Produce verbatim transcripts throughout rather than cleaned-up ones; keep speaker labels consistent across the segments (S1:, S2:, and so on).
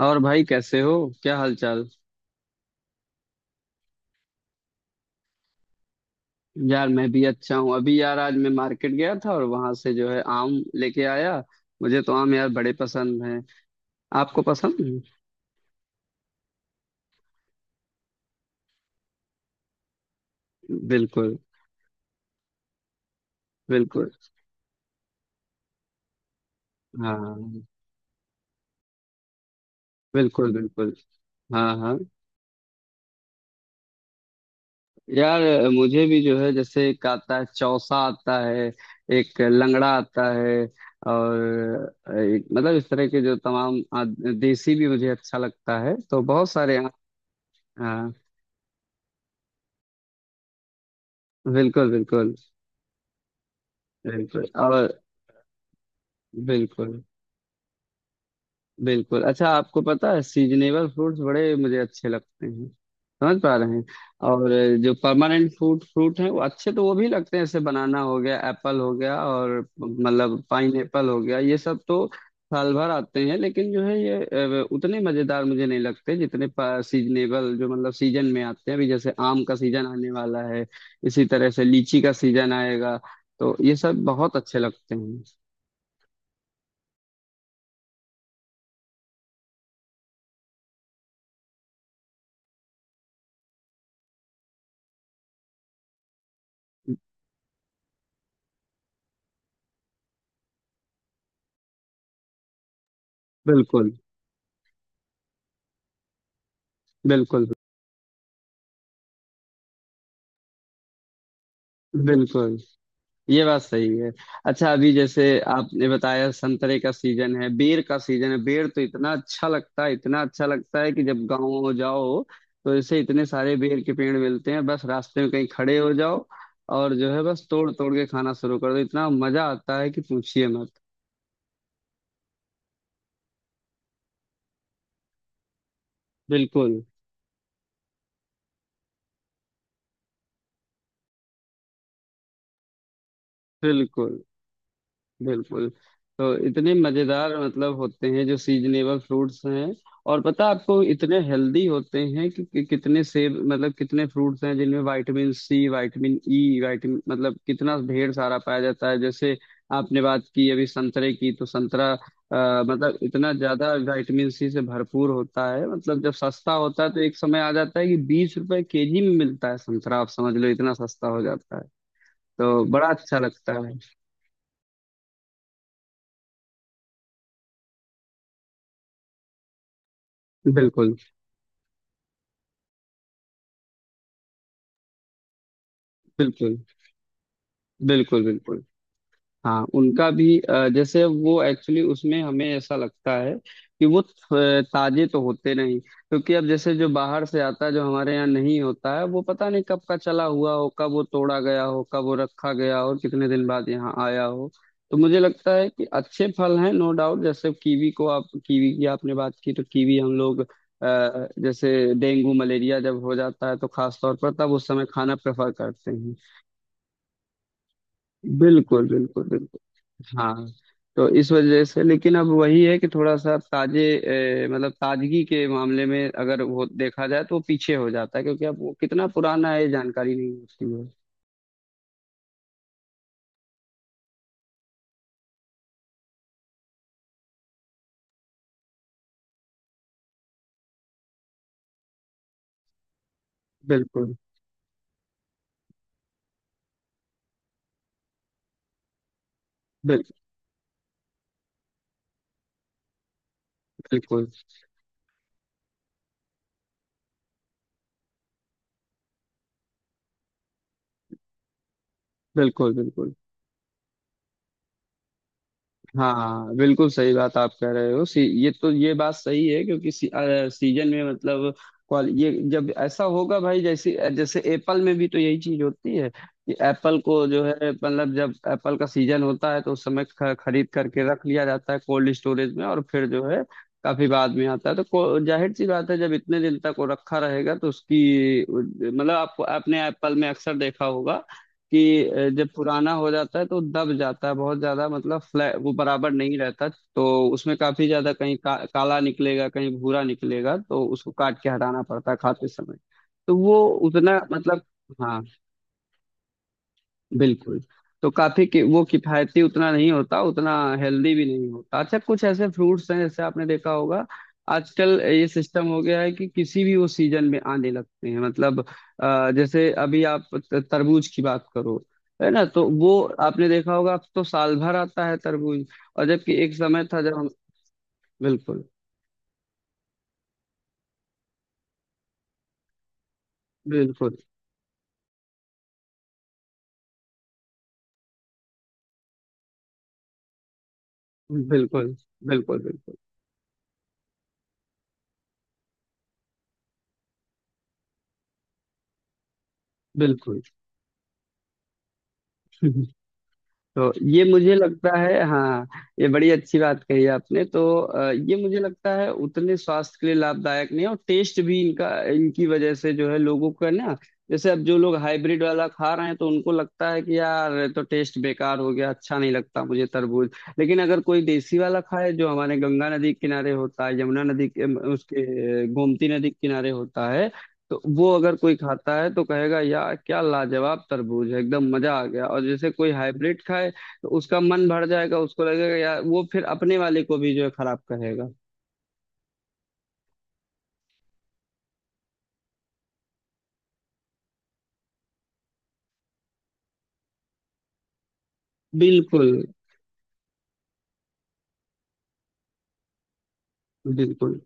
S1: और भाई कैसे हो? क्या हालचाल? यार मैं भी अच्छा हूँ। अभी यार आज मैं मार्केट गया था और वहां से जो है आम लेके आया। मुझे तो आम यार बड़े पसंद हैं। आपको पसंद हैं? बिल्कुल बिल्कुल। हाँ। बिल्कुल बिल्कुल। हाँ हाँ। यार मुझे भी जो है जैसे एक आता है चौसा आता है। एक लंगड़ा आता है। और एक मतलब इस तरह के जो तमाम आ, देसी भी मुझे अच्छा लगता है, तो बहुत सारे आम- हाँ। बिल्कुल बिल्कुल। बिल्कुल। और बिल्कुल बिल्कुल। अच्छा आपको पता है सीजनेबल फ्रूट्स बड़े मुझे अच्छे लगते हैं। समझ पा रहे हैं? और जो परमानेंट फ्रूट फ्रूट हैं वो अच्छे, तो वो भी लगते हैं जैसे बनाना हो गया, एप्पल हो गया, और मतलब पाइन एप्पल हो गया। ये सब तो साल भर आते हैं, लेकिन जो है ये अ, उतने मजेदार मुझे नहीं लगते जितने सीजनेबल जो मतलब सीजन में आते हैं। अभी जैसे आम का सीजन आने वाला है, इसी तरह से लीची का सीजन आएगा, तो ये सब बहुत अच्छे लगते हैं। बिल्कुल बिल्कुल बिल्कुल। ये बात सही है। अच्छा अभी जैसे आपने बताया संतरे का सीजन है, बेर का सीजन है। बेर तो इतना अच्छा लगता है, इतना अच्छा लगता है कि जब गाँव जाओ तो जैसे इतने सारे बेर के पेड़ मिलते हैं। बस रास्ते में कहीं खड़े हो जाओ और जो है बस तोड़ तोड़ के खाना शुरू कर दो, इतना मजा आता है कि पूछिए मत। बिल्कुल बिल्कुल बिल्कुल। तो इतने मजेदार मतलब होते हैं जो सीजनेबल फ्रूट्स हैं। और पता आपको इतने हेल्दी होते हैं कि, कि कितने सेब मतलब कितने फ्रूट्स हैं जिनमें vitamin C, vitamin E, vitamin मतलब कितना ढेर सारा पाया जाता है। जैसे आपने बात की अभी संतरे की, तो संतरा अ, मतलब इतना ज्यादा विटामिन सी से भरपूर होता है। मतलब जब सस्ता होता है तो एक समय आ जाता है कि बीस रुपए केजी में मिलता है संतरा, आप समझ लो इतना सस्ता हो जाता है, तो बड़ा अच्छा लगता है। बिल्कुल बिल्कुल बिल्कुल बिल्कुल। हाँ उनका भी अ, जैसे वो एक्चुअली उसमें हमें ऐसा लगता है कि वो अ, ताजे तो होते नहीं, क्योंकि अब जैसे जो बाहर से आता है जो हमारे यहाँ नहीं होता है वो पता नहीं कब का चला हुआ हो, कब वो तोड़ा गया हो, कब वो रखा गया हो, कितने दिन बाद यहाँ आया हो। तो मुझे लगता है कि अच्छे फल हैं नो डाउट। जैसे कीवी को आप, कीवी की आपने बात की, तो कीवी हम लोग अ, जैसे डेंगू मलेरिया जब हो जाता है तो खास तौर पर तब उस समय खाना प्रेफर करते हैं। बिल्कुल बिल्कुल बिल्कुल। हाँ। तो इस वजह से, लेकिन अब वही है कि थोड़ा सा ताजे ए, मतलब ताजगी के मामले में अगर वो देखा जाए तो वो पीछे हो जाता है, क्योंकि अब वो कितना पुराना है ये जानकारी नहीं होती है। बिल्कुल बिल, बिल्कुल बिल्कुल बिल्कुल। हाँ बिल्कुल सही बात आप कह रहे हो। सी, ये तो, ये बात सही है क्योंकि सी, अ, सीजन में मतलब क्वाल ये जब ऐसा होगा भाई, जैसे जैसे एप्पल में भी तो यही चीज होती है कि एप्पल को जो है मतलब जब एप्पल का सीजन होता है तो उस समय ख, खरीद करके रख लिया जाता है कोल्ड स्टोरेज में, और फिर जो है काफी बाद में आता है, तो को- जाहिर सी बात है जब इतने दिन तक वो रखा रहेगा तो उसकी मतलब आपको, आपने एप्पल में अक्सर देखा होगा कि अ, जब पुराना हो जाता है तो दब जाता है बहुत ज्यादा, मतलब फ्लैट, वो बराबर नहीं रहता, तो उसमें काफी ज्यादा कहीं का, काला निकलेगा, कहीं भूरा निकलेगा, तो उसको काट के हटाना पड़ता है खाते समय। तो वो उतना मतलब हाँ बिल्कुल। तो काफी कि, वो किफायती उतना नहीं होता, उतना हेल्दी भी नहीं होता। अच्छा कुछ ऐसे फ्रूट्स हैं जैसे आपने देखा होगा आजकल ये सिस्टम हो गया है कि किसी भी वो सीजन में आने लगते हैं, मतलब अ, जैसे अभी आप त- तरबूज की बात करो, है ना? तो वो आपने देखा होगा, अब तो साल भर आता है तरबूज। और जबकि एक समय था जब हम- बिल्कुल। बिल्कुल बिल्कुल बिल्कुल बिल्कुल बिल्कुल। तो ये मुझे लगता है। हाँ, ये बड़ी अच्छी बात कही आपने। तो अ, ये मुझे लगता है उतने स्वास्थ्य के लिए लाभदायक नहीं है, और टेस्ट भी इनका, इनकी वजह से जो है लोगों का ना, जैसे अब जो लोग हाइब्रिड वाला खा रहे हैं तो उनको लगता है कि यार ये तो टेस्ट बेकार हो गया, अच्छा नहीं लगता मुझे तरबूज। लेकिन अगर कोई देसी वाला खाए जो हमारे गंगा नदी के किनारे होता है, यमुना नदी के उसके अ, गोमती नदी के किनारे होता है, तो वो अगर कोई खाता है तो कहेगा यार क्या लाजवाब तरबूज है, एकदम मजा आ गया। और जैसे कोई हाइब्रिड खाए तो उसका मन भर जाएगा, उसको लगेगा यार, वो फिर अपने वाले को भी जो है खराब कहेगा। बिल्कुल बिल्कुल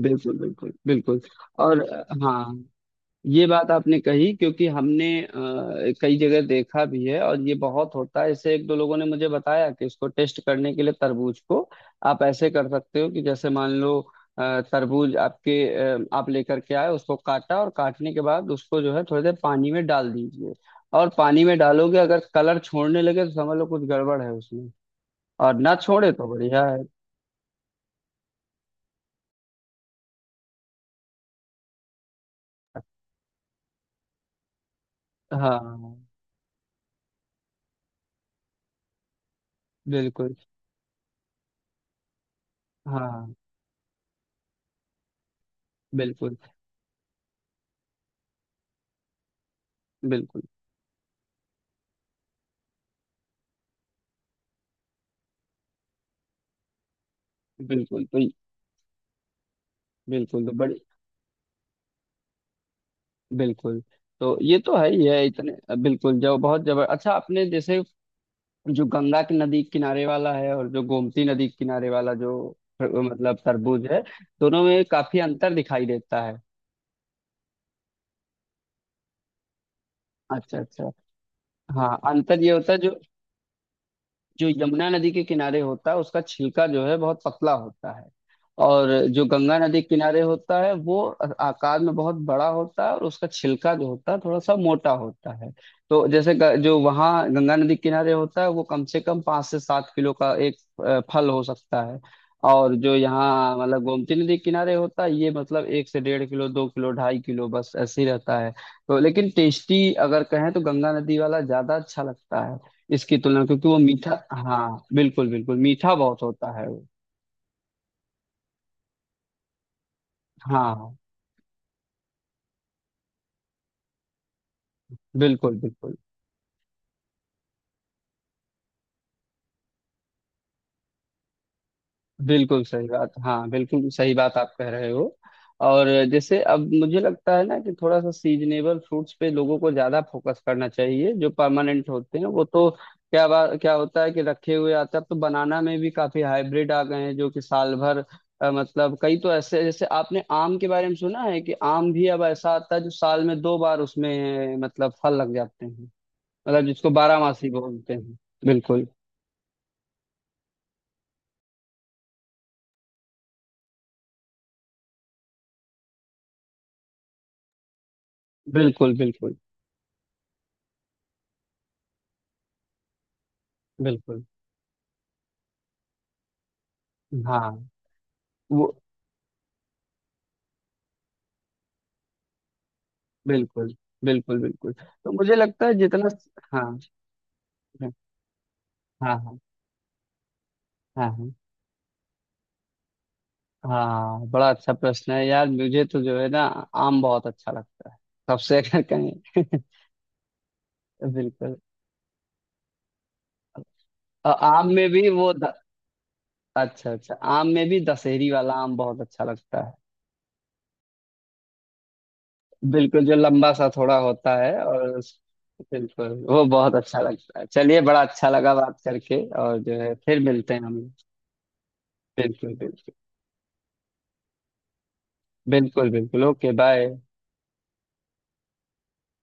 S1: बिल्कुल बिल्कुल बिल्कुल। और हाँ, ये बात आपने कही क्योंकि हमने अ, कई जगह देखा भी है और ये बहुत होता है। इससे एक दो लोगों ने मुझे बताया कि इसको टेस्ट करने के लिए तरबूज को आप ऐसे कर सकते हो कि जैसे मान लो अ, तरबूज आपके अ, आप लेकर के आए, उसको काटा, और काटने के बाद उसको जो है थोड़ी देर पानी में डाल दीजिए। और पानी में डालोगे अगर कलर छोड़ने लगे तो समझ लो कुछ गड़बड़ है उसमें, और ना छोड़े तो बढ़िया है। हाँ बिल्कुल। हाँ बिल्कुल बिल्कुल बिल्कुल। तो बिल्कुल, तो बड़ी बिल्कुल। तो ये तो है ही है इतने बिल्कुल। जो बहुत जबर अच्छा आपने जैसे जो गंगा की नदी किनारे वाला है, और जो गोमती नदी के किनारे वाला जो मतलब तरबूज है, दोनों में काफी अंतर दिखाई देता है। अच्छा अच्छा। हाँ अंतर ये होता है जो जो यमुना नदी के किनारे होता है उसका छिलका जो है बहुत पतला होता है, और जो गंगा नदी के किनारे होता है वो आकार में बहुत बड़ा होता है, और उसका छिलका जो होता है थोड़ा सा मोटा होता है। तो जैसे ग- जो वहाँ गंगा नदी के किनारे होता है वो कम से कम पाँच से सात किलो का एक अ, फल हो सकता है। और जो यहाँ मतलब गोमती नदी के किनारे होता है ये मतलब एक से डेढ़ किलो, दो किलो, ढाई किलो बस ऐसे ही रहता है। तो लेकिन टेस्टी अगर कहें तो गंगा नदी वाला ज्यादा अच्छा लगता है इसकी तुलना, क्योंकि वो मीठा- हाँ बिल्कुल बिल्कुल, मीठा बहुत होता है वो। हाँ बिल्कुल बिल्कुल। बिल्कुल सही बात, हाँ बिल्कुल सही बात आप कह रहे हो। और जैसे अब मुझे लगता है ना कि थोड़ा सा सीजनेबल फ्रूट्स पे लोगों को ज्यादा फोकस करना चाहिए। जो परमानेंट होते हैं वो तो क्या बात, क्या होता है कि रखे हुए आते हैं। अब तो बनाना में भी काफी हाइब्रिड आ गए हैं जो कि साल भर अ, मतलब, कई तो ऐसे, जैसे आपने आम के बारे में सुना है कि आम भी अब ऐसा आता है जो साल में दो बार उसमें मतलब फल लग जाते हैं, मतलब जिसको बारहमासी बोलते हैं। बिल्कुल बिल्कुल बिल्कुल बिल्कुल। हाँ वो बिल्कुल बिल्कुल बिल्कुल। तो मुझे लगता है जितना- हाँ हाँ हाँ हाँ हाँ। हाँ, बड़ा अच्छा प्रश्न है यार। मुझे तो जो है ना आम बहुत अच्छा लगता है सबसे, अगर कहें। बिल्कुल। और आम में भी वो द... अच्छा अच्छा, आम में भी दशहरी वाला आम बहुत अच्छा लगता है। बिल्कुल, जो लंबा सा थोड़ा होता है और उस- बिल्कुल वो बहुत अच्छा लगता है। चलिए बड़ा अच्छा लगा बात करके, और जो है फिर मिलते हैं हम। बिल्कुल बिल्कुल। बिल्कुल बिल्कुल, ओके बाय।